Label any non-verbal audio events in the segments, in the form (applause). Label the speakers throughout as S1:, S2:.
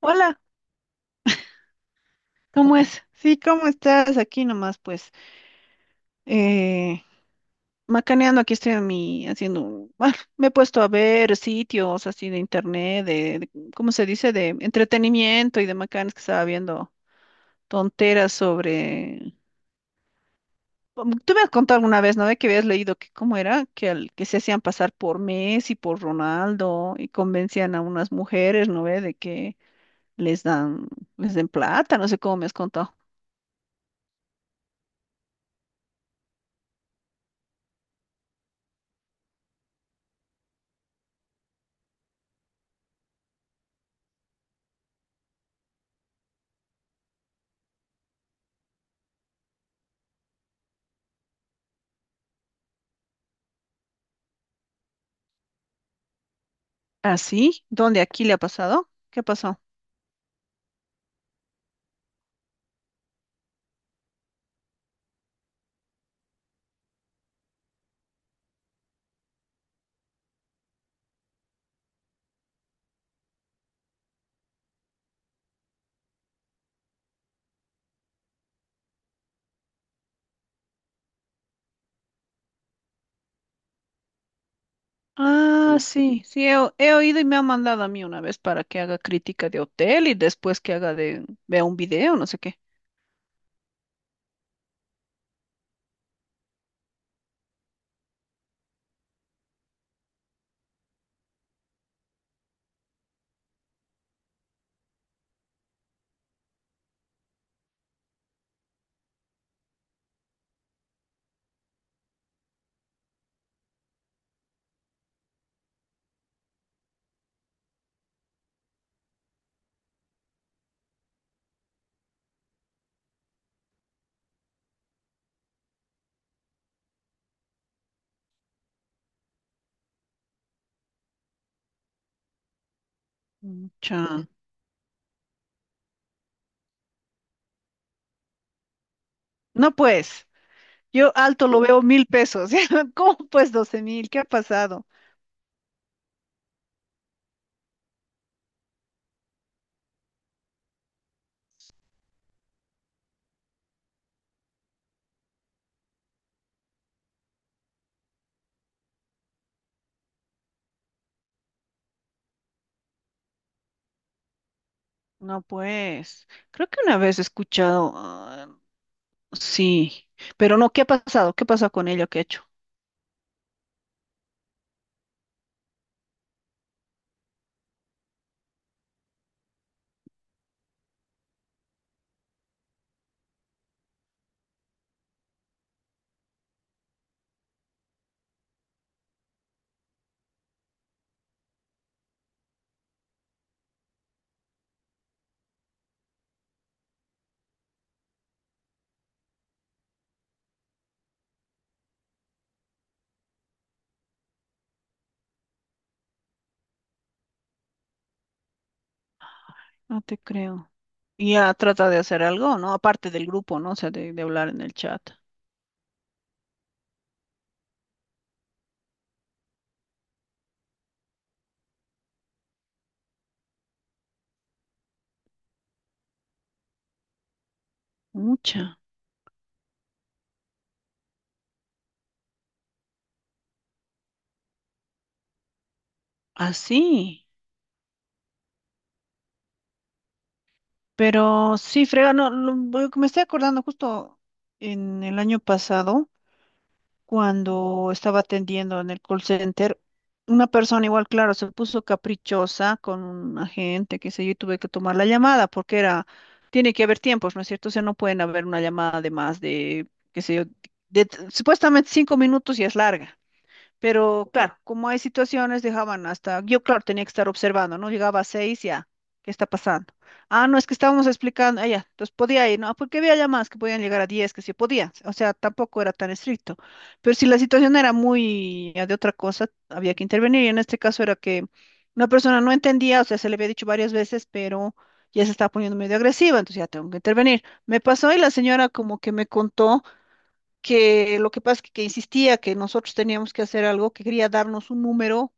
S1: Hola, ¿cómo es? Sí, ¿cómo estás? Aquí nomás, pues, eh, macaneando, aquí estoy a mí haciendo, me he puesto a ver sitios así de internet, ¿cómo se dice? De entretenimiento y de macanes que estaba viendo tonteras sobre. Tú me has contado alguna vez, ¿no? De que habías leído que cómo era, que se hacían pasar por Messi, por Ronaldo y convencían a unas mujeres, ¿no ve? De que les dan, les den plata, no sé cómo me has contado. ¿Ah, sí? ¿Dónde? ¿Aquí le ha pasado? ¿Qué pasó? Ah, sí, sí, he oído y me han mandado a mí una vez para que haga crítica de hotel y después que haga de, vea un video, no sé qué. Mm, Chan. No, pues, yo alto lo veo mil pesos. (laughs) ¿Cómo pues doce mil? ¿Qué ha pasado? No, pues, creo que una vez he escuchado, ah, sí, pero no, ¿qué ha pasado? ¿Qué pasa con ella? ¿Qué ha hecho? No te creo. Y ya trata de hacer algo, ¿no? Aparte del grupo, ¿no? O sea, de hablar en el chat. Mucha. Así, pero sí, frega, no, lo que me estoy acordando justo en el año pasado, cuando estaba atendiendo en el call center, una persona igual, claro, se puso caprichosa con un agente, qué sé yo, y tuve que tomar la llamada porque era, tiene que haber tiempos, ¿no es cierto? O sea, no pueden haber una llamada de más de, qué sé yo, de, supuestamente 5 minutos y es larga. Pero claro, como hay situaciones, dejaban hasta, yo claro, tenía que estar observando, ¿no? Llegaba a seis, ya, ¿qué está pasando? Ah, no, es que estábamos explicando, ah, ya, entonces podía ir, ¿no? Porque había llamadas que podían llegar a diez, que sí podían, o sea, tampoco era tan estricto. Pero si la situación era muy ya de otra cosa, había que intervenir, y en este caso era que una persona no entendía, o sea, se le había dicho varias veces, pero ya se estaba poniendo medio agresiva, entonces ya tengo que intervenir. Me pasó y la señora como que me contó que lo que pasa es que insistía que nosotros teníamos que hacer algo, que quería darnos un número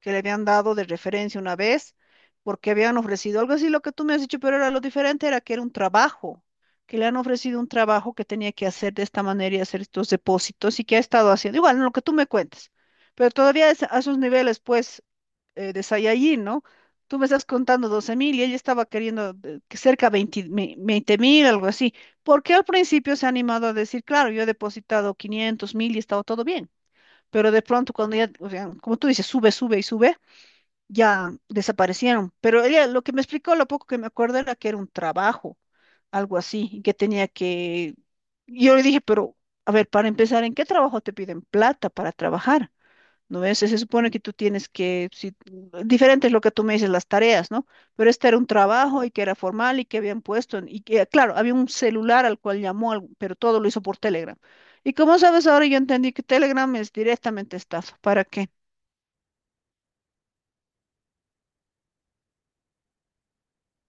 S1: que le habían dado de referencia una vez, porque habían ofrecido algo así, lo que tú me has dicho, pero era lo diferente, era que era un trabajo, que le han ofrecido un trabajo que tenía que hacer de esta manera y hacer estos depósitos y que ha estado haciendo, igual, en lo que tú me cuentes, pero todavía a esos niveles, pues, de Saiyajin, ¿no? Tú me estás contando 12 mil y ella estaba queriendo que cerca de 20 mil, algo así. ¿Por qué al principio se ha animado a decir, claro, yo he depositado 500 mil y estaba todo bien? Pero de pronto cuando ya, o sea, como tú dices, sube, sube y sube, ya desaparecieron. Pero ella lo que me explicó, lo poco que me acuerdo era que era un trabajo, algo así, y que tenía que. Yo le dije, pero, a ver, para empezar, ¿en qué trabajo te piden plata para trabajar? ¿No ves? Se supone que tú tienes que, si, diferente es lo que tú me dices, las tareas, ¿no? Pero este era un trabajo y que era formal y que habían puesto, y que, claro, había un celular al cual llamó, pero todo lo hizo por Telegram. Y como sabes, ahora yo entendí que Telegram es directamente estafa, ¿para qué?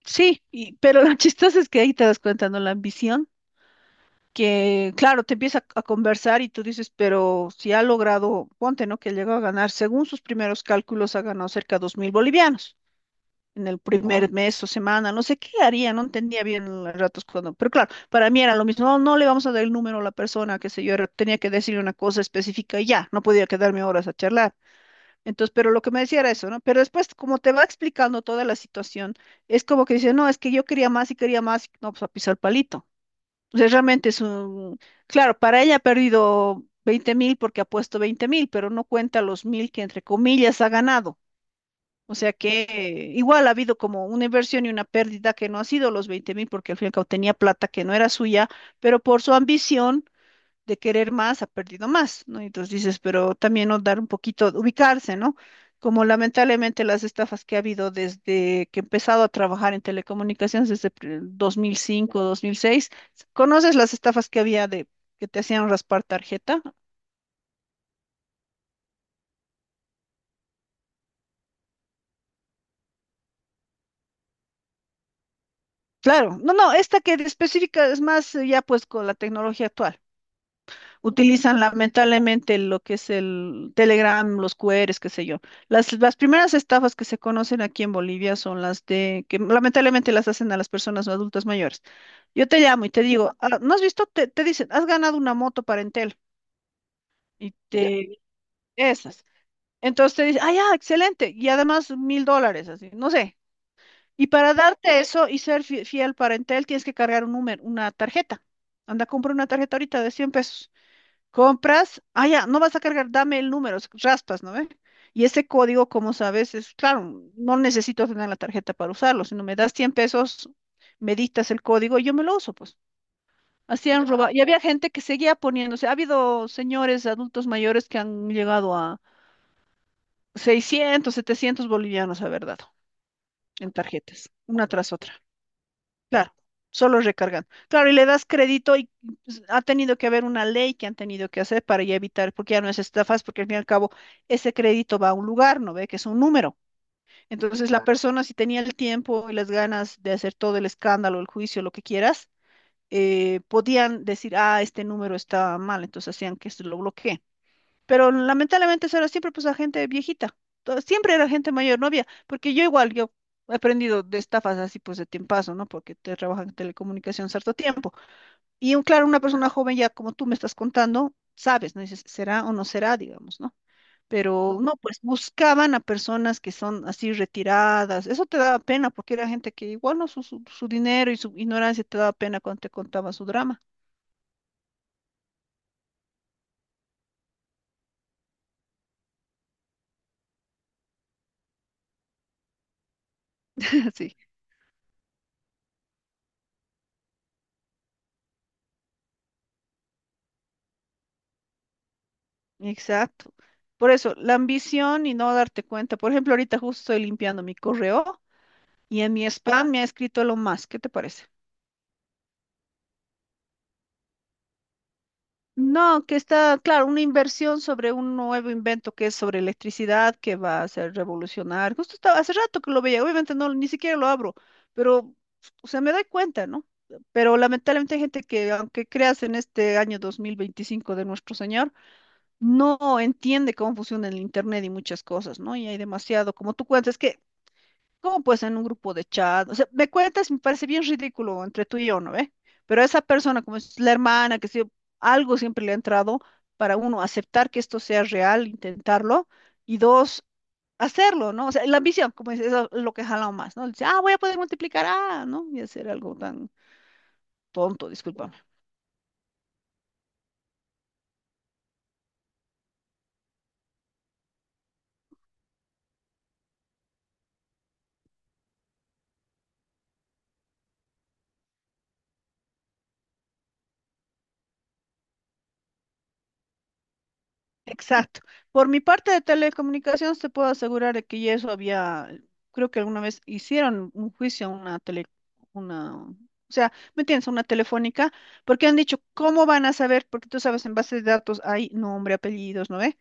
S1: Sí, y, pero lo (laughs) chistoso es que ahí te das cuenta, ¿no? La ambición, que claro, te empieza a conversar y tú dices, pero si ha logrado, ponte, ¿no? Que llegó a ganar, según sus primeros cálculos, ha ganado cerca de 2.000 bolivianos. En el primer mes o semana, no sé qué haría, no entendía bien los ratos cuando, pero claro, para mí era lo mismo, no, no le vamos a dar el número a la persona, qué sé yo, tenía que decirle una cosa específica y ya, no podía quedarme horas a charlar. Entonces, pero lo que me decía era eso, ¿no? Pero después, como te va explicando toda la situación, es como que dice, no, es que yo quería más, y no, pues a pisar palito. Entonces, realmente es un, claro, para ella ha perdido 20 mil porque ha puesto 20 mil, pero no cuenta los mil que entre comillas ha ganado. O sea que igual ha habido como una inversión y una pérdida que no ha sido los 20 mil, porque al fin y al cabo tenía plata que no era suya, pero por su ambición de querer más ha perdido más, ¿no? Y entonces dices, pero también no dar un poquito, ubicarse, ¿no? Como lamentablemente las estafas que ha habido desde que he empezado a trabajar en telecomunicaciones, desde 2005, 2006, ¿conoces las estafas que había de que te hacían raspar tarjeta? Claro, no, no, esta que específica es más ya pues con la tecnología actual. Utilizan lamentablemente lo que es el Telegram, los QRs, qué sé yo. Las primeras estafas que se conocen aquí en Bolivia son las de que lamentablemente las hacen a las personas adultas mayores. Yo te llamo y te digo, "Ah, ¿no has visto? Te dicen, has ganado una moto para Entel y te esas. Entonces te dicen, ah, ya, excelente. Y además mil dólares, así, no sé. Y para darte eso y ser fiel para Entel, tienes que cargar un número, una tarjeta. Anda, compra una tarjeta ahorita de 100 pesos. Compras, ah, ya, no vas a cargar, dame el número, raspas, ¿no ve? Y ese código, como sabes, es claro, no necesito tener la tarjeta para usarlo, sino me das 100 pesos, me dictas el código y yo me lo uso, pues. Así han robado. Y había gente que seguía poniéndose, ha habido señores adultos mayores que han llegado a 600, 700 bolivianos, haber dado en tarjetas, una tras otra. Claro, solo recargan. Claro, y le das crédito y pues, ha tenido que haber una ley que han tenido que hacer para ya evitar, porque ya no es estafas, porque al fin y al cabo ese crédito va a un lugar, ¿no ve? Que es un número. Entonces la persona si tenía el tiempo y las ganas de hacer todo el escándalo, el juicio, lo que quieras, podían decir, ah, este número está mal, entonces hacían que se lo bloquee. Pero lamentablemente eso era siempre pues la gente viejita. Siempre era gente mayor, no había, porque yo igual, yo he aprendido de estafas así pues de tiempazo, ¿no? Porque te trabajan en telecomunicación cierto tiempo. Y un, claro, una persona joven ya como tú me estás contando, sabes, ¿no? Dices, será o no será, digamos, ¿no? Pero no, pues buscaban a personas que son así retiradas. Eso te daba pena porque era gente que igual no su dinero y su ignorancia te daba pena cuando te contaba su drama. (laughs) Sí. Exacto. Por eso, la ambición y no darte cuenta. Por ejemplo, ahorita justo estoy limpiando mi correo y en mi spam me ha escrito lo más. ¿Qué te parece? No, que está, claro, una inversión sobre un nuevo invento que es sobre electricidad, que va a hacer revolucionar. Justo estaba, hace rato que lo veía, obviamente no, ni siquiera lo abro, pero, o sea, me doy cuenta, ¿no? Pero lamentablemente hay gente que, aunque creas en este año 2025 de nuestro Señor, no entiende cómo funciona el Internet y muchas cosas, ¿no? Y hay demasiado, como tú cuentas, es que. ¿Cómo pues en un grupo de chat? O sea, me cuentas, me parece bien ridículo entre tú y yo, ¿no ve? Pero esa persona, como es la hermana, que si algo siempre le ha entrado para uno aceptar que esto sea real, intentarlo, y dos, hacerlo, ¿no? O sea, la ambición, como es lo que jala más, ¿no? Dice, ah, voy a poder multiplicar, ah, ¿no? Y hacer algo tan tonto, disculpa. Exacto. Por mi parte de telecomunicaciones, te puedo asegurar de que ya eso había, creo que alguna vez hicieron un juicio a una tele, una, o sea, ¿me entiendes? Una telefónica, porque han dicho, ¿cómo van a saber? Porque tú sabes, en base de datos hay nombre, apellidos, ¿no ve?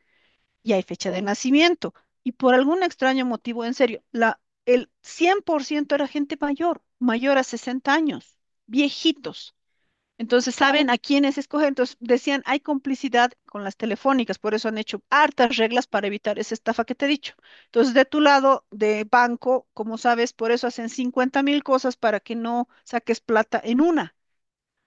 S1: Y hay fecha de nacimiento. Y por algún extraño motivo, en serio, el 100% era gente mayor, mayor a 60 años, viejitos. Entonces saben a quiénes escoger. Entonces decían, hay complicidad con las telefónicas, por eso han hecho hartas reglas para evitar esa estafa que te he dicho. Entonces, de tu lado de banco, como sabes, por eso hacen 50 mil cosas para que no saques plata en una.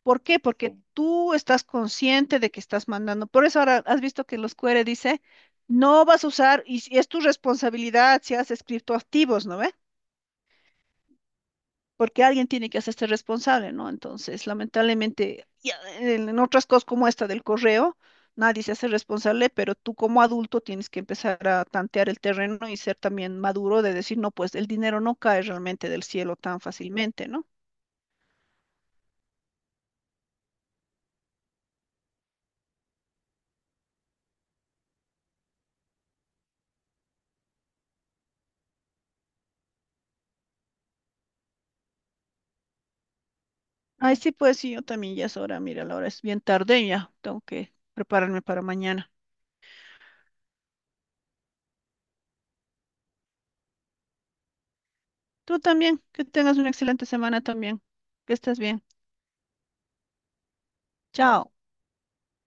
S1: ¿Por qué? Porque sí, tú estás consciente de que estás mandando. Por eso ahora has visto que los QR dice, no vas a usar, y si es tu responsabilidad si haces criptoactivos, ¿no ve? Porque alguien tiene que hacerse responsable, ¿no? Entonces, lamentablemente, ya en otras cosas como esta del correo, nadie se hace responsable, pero tú como adulto tienes que empezar a tantear el terreno y ser también maduro de decir, no, pues el dinero no cae realmente del cielo tan fácilmente, ¿no? Ay, sí, pues sí, yo también ya es hora, mira, la hora es bien tarde y ya, tengo que prepararme para mañana. Tú también, que tengas una excelente semana también, que estés bien. Chao.